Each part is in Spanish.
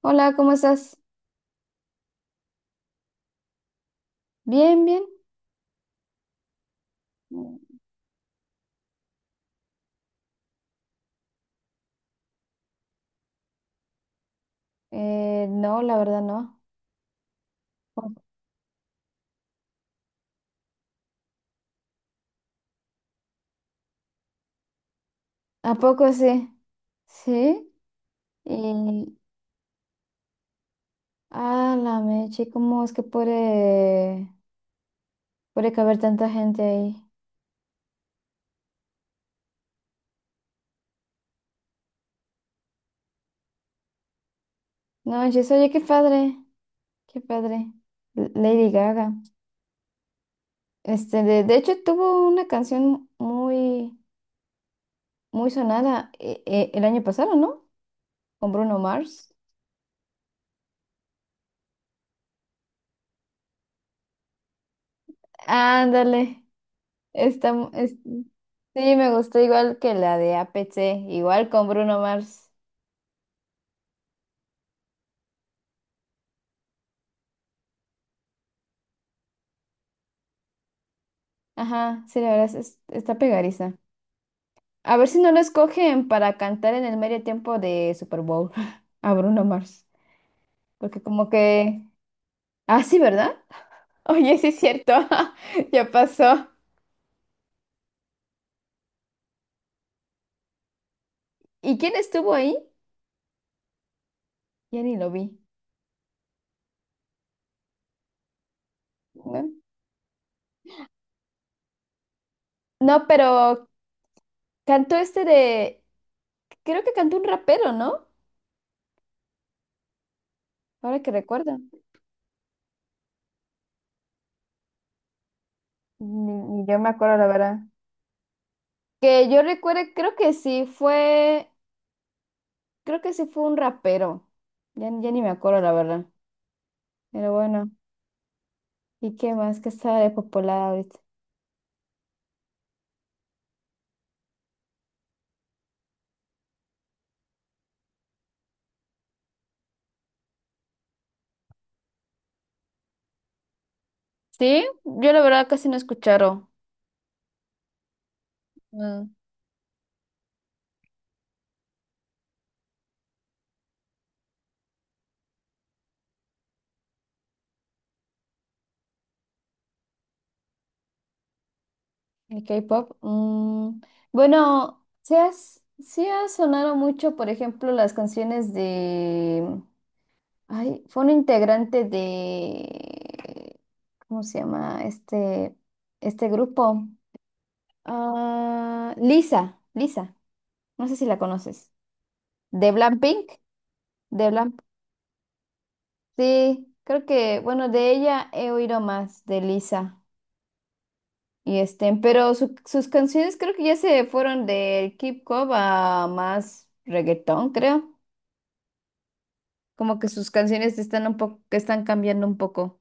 Hola, ¿cómo estás? Bien, bien. Mm, no, la verdad no. ¿A poco sí? Sí. Y, la meche, ¿cómo es que puede caber tanta gente ahí? No, yo oye, qué padre, qué padre. Lady Gaga. Este, de hecho, tuvo una canción muy sonada el año pasado, ¿no? Con Bruno Mars. Ándale. Está. Sí, me gustó igual que la de A P C igual con Bruno Mars. Ajá, sí, la verdad es, está pegadiza. A ver si no lo escogen para cantar en el medio tiempo de Super Bowl a Bruno Mars, porque como que... Ah, sí, ¿verdad? Oye, sí es cierto, ya pasó. ¿Y quién estuvo ahí? Ya ni lo vi. No, no, pero cantó este de... Creo que cantó un rapero, ¿no? Ahora que recuerdo. Ni, ni yo me acuerdo, la verdad. Que yo recuerde, creo que sí, fue. Creo que sí fue un rapero. Ya ni me acuerdo, la verdad. Pero bueno, ¿y qué más que está de popular ahorita? Sí, yo la verdad casi no escucharon el K-pop. Mm, bueno, sí, sí ha sonado mucho, por ejemplo, las canciones de... Ay, fue un integrante de... ¿Cómo se llama este grupo? Ah, Lisa, Lisa. No sé si la conoces. De Blackpink. De sí, creo que, bueno, de ella he oído más, de Lisa y este, pero sus canciones creo que ya se fueron del hip hop a más reggaetón, creo. Como que sus canciones están un poco, que están cambiando un poco.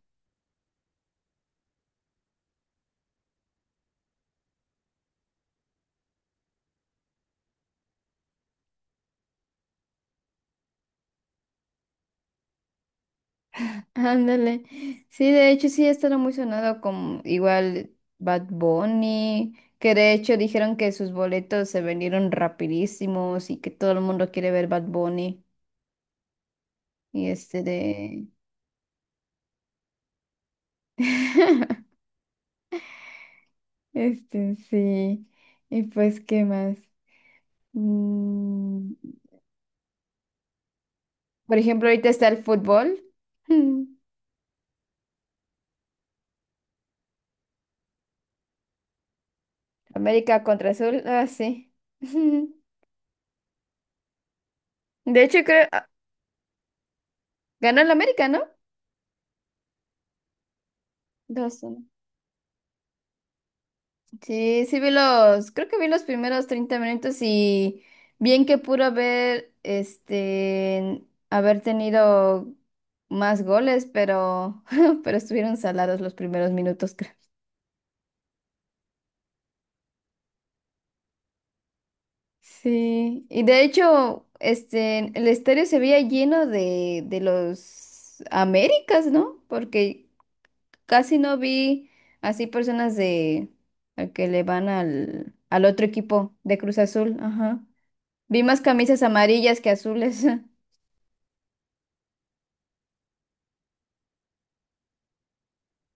Ándale. Sí, de hecho sí ha estado muy sonado con igual Bad Bunny, que de hecho dijeron que sus boletos se vendieron rapidísimos y que todo el mundo quiere ver Bad Bunny y este de este, sí. Y pues, ¿qué más? Mm, por ejemplo, ahorita está el fútbol. Mm, América contra Azul. Ah, sí. De hecho, creo, ah, ganó el América, ¿no? Dos, uno. Sí, sí vi los, creo que vi los primeros 30 minutos y bien que pudo haber, este, haber tenido más goles, pero, pero estuvieron salados los primeros minutos. Sí, y de hecho, este, el estadio se veía lleno de los Américas, ¿no? Porque casi no vi así personas de al que le van al otro equipo de Cruz Azul, ajá. Vi más camisas amarillas que azules.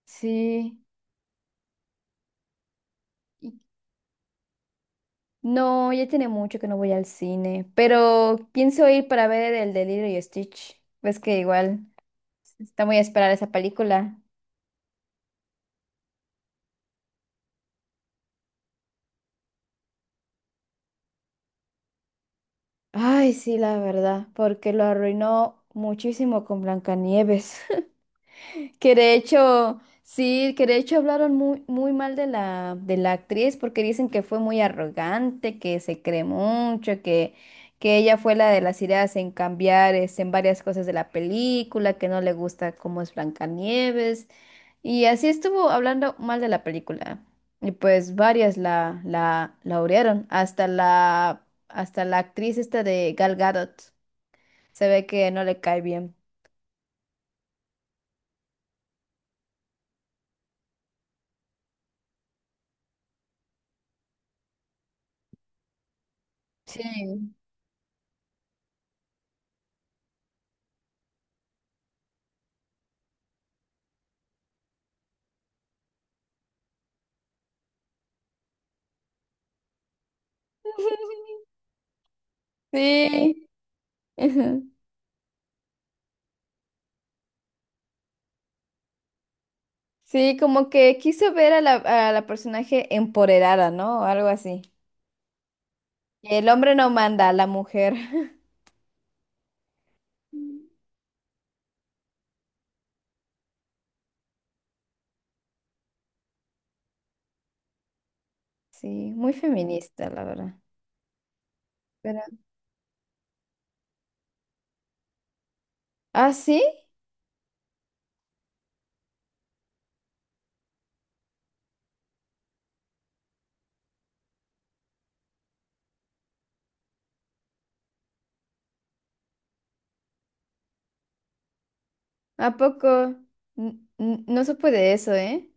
Sí. Y- No, ya tiene mucho que no voy al cine, pero pienso ir para ver el de Lilo y Stitch. Ves que igual está muy a esperar esa película. Ay, sí, la verdad, porque lo arruinó muchísimo con Blancanieves. Que de hecho, sí, que de hecho hablaron muy, muy mal de de la actriz porque dicen que fue muy arrogante, que se cree mucho, que ella fue la de las ideas en cambiar este, en varias cosas de la película, que no le gusta cómo es Blancanieves. Y así estuvo hablando mal de la película. Y pues varias la odiaron, hasta la actriz esta de Gal Gadot. Se ve que no le cae bien. Sí. Sí. Ujú. Sí, como que quiso ver a a la personaje empoderada, ¿no? O algo así. El hombre no manda, la mujer. Mm. Sí, muy feminista, la verdad. Pero... Ah, ¿sí? ¿A poco? No supe de eso, ¿eh?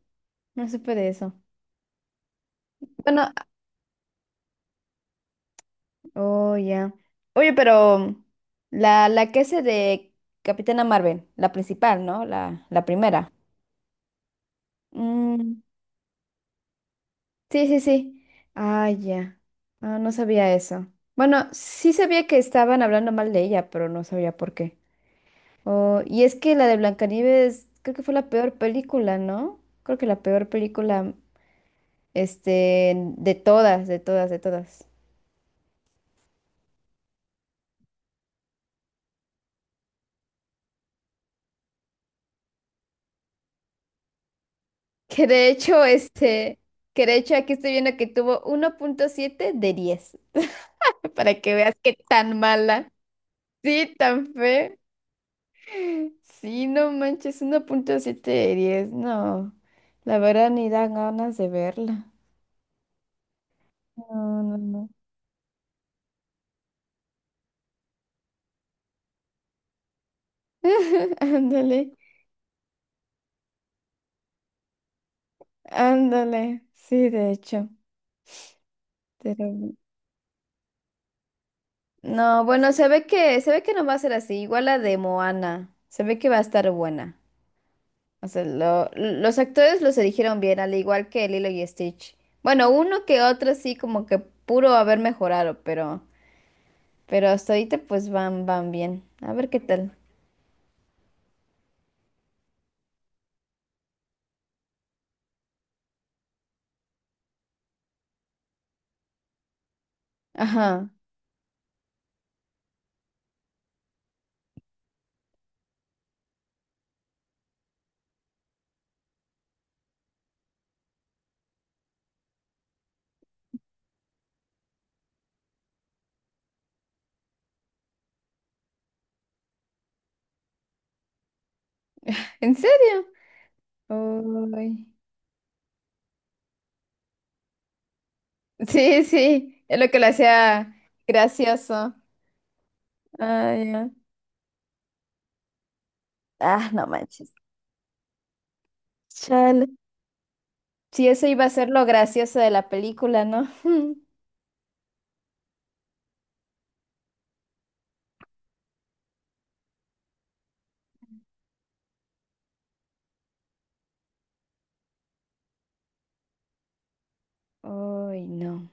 No supe de eso. Bueno, oh, ya. Oye, pero la que hace de Capitana Marvel, la principal, ¿no? La primera. Mm. Sí, sí, sí. Ah, ya. Ah, no sabía eso. Bueno, sí sabía que estaban hablando mal de ella, pero no sabía por qué. Oh, y es que la de Blancanieves creo que fue la peor película, ¿no? Creo que la peor película, este, de todas, de todas, de todas. Que de hecho, este, que de hecho aquí estoy viendo que tuvo 1.7 de 10. Para que veas qué tan mala. Sí, tan fea. Sí, no manches, 1.7 de 10, no. La verdad ni dan ganas de verla. No, no, no. Ándale, ándale. Sí, de hecho. Pero... No, bueno, se ve que no va a ser así. Igual la de Moana. Se ve que va a estar buena. O sea, los actores los eligieron bien, al igual que Lilo y Stitch. Bueno, uno que otro sí, como que puro haber mejorado, pero hasta ahorita pues van, van bien. A ver qué tal. Ajá. ¿En serio? Uy. Sí, sí, es lo que lo hacía gracioso. Ah, ya. Ah, no manches. Chale. Sí, eso iba a ser lo gracioso de la película, ¿no? Uy, no.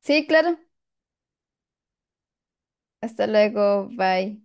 Sí, claro. Hasta luego, bye.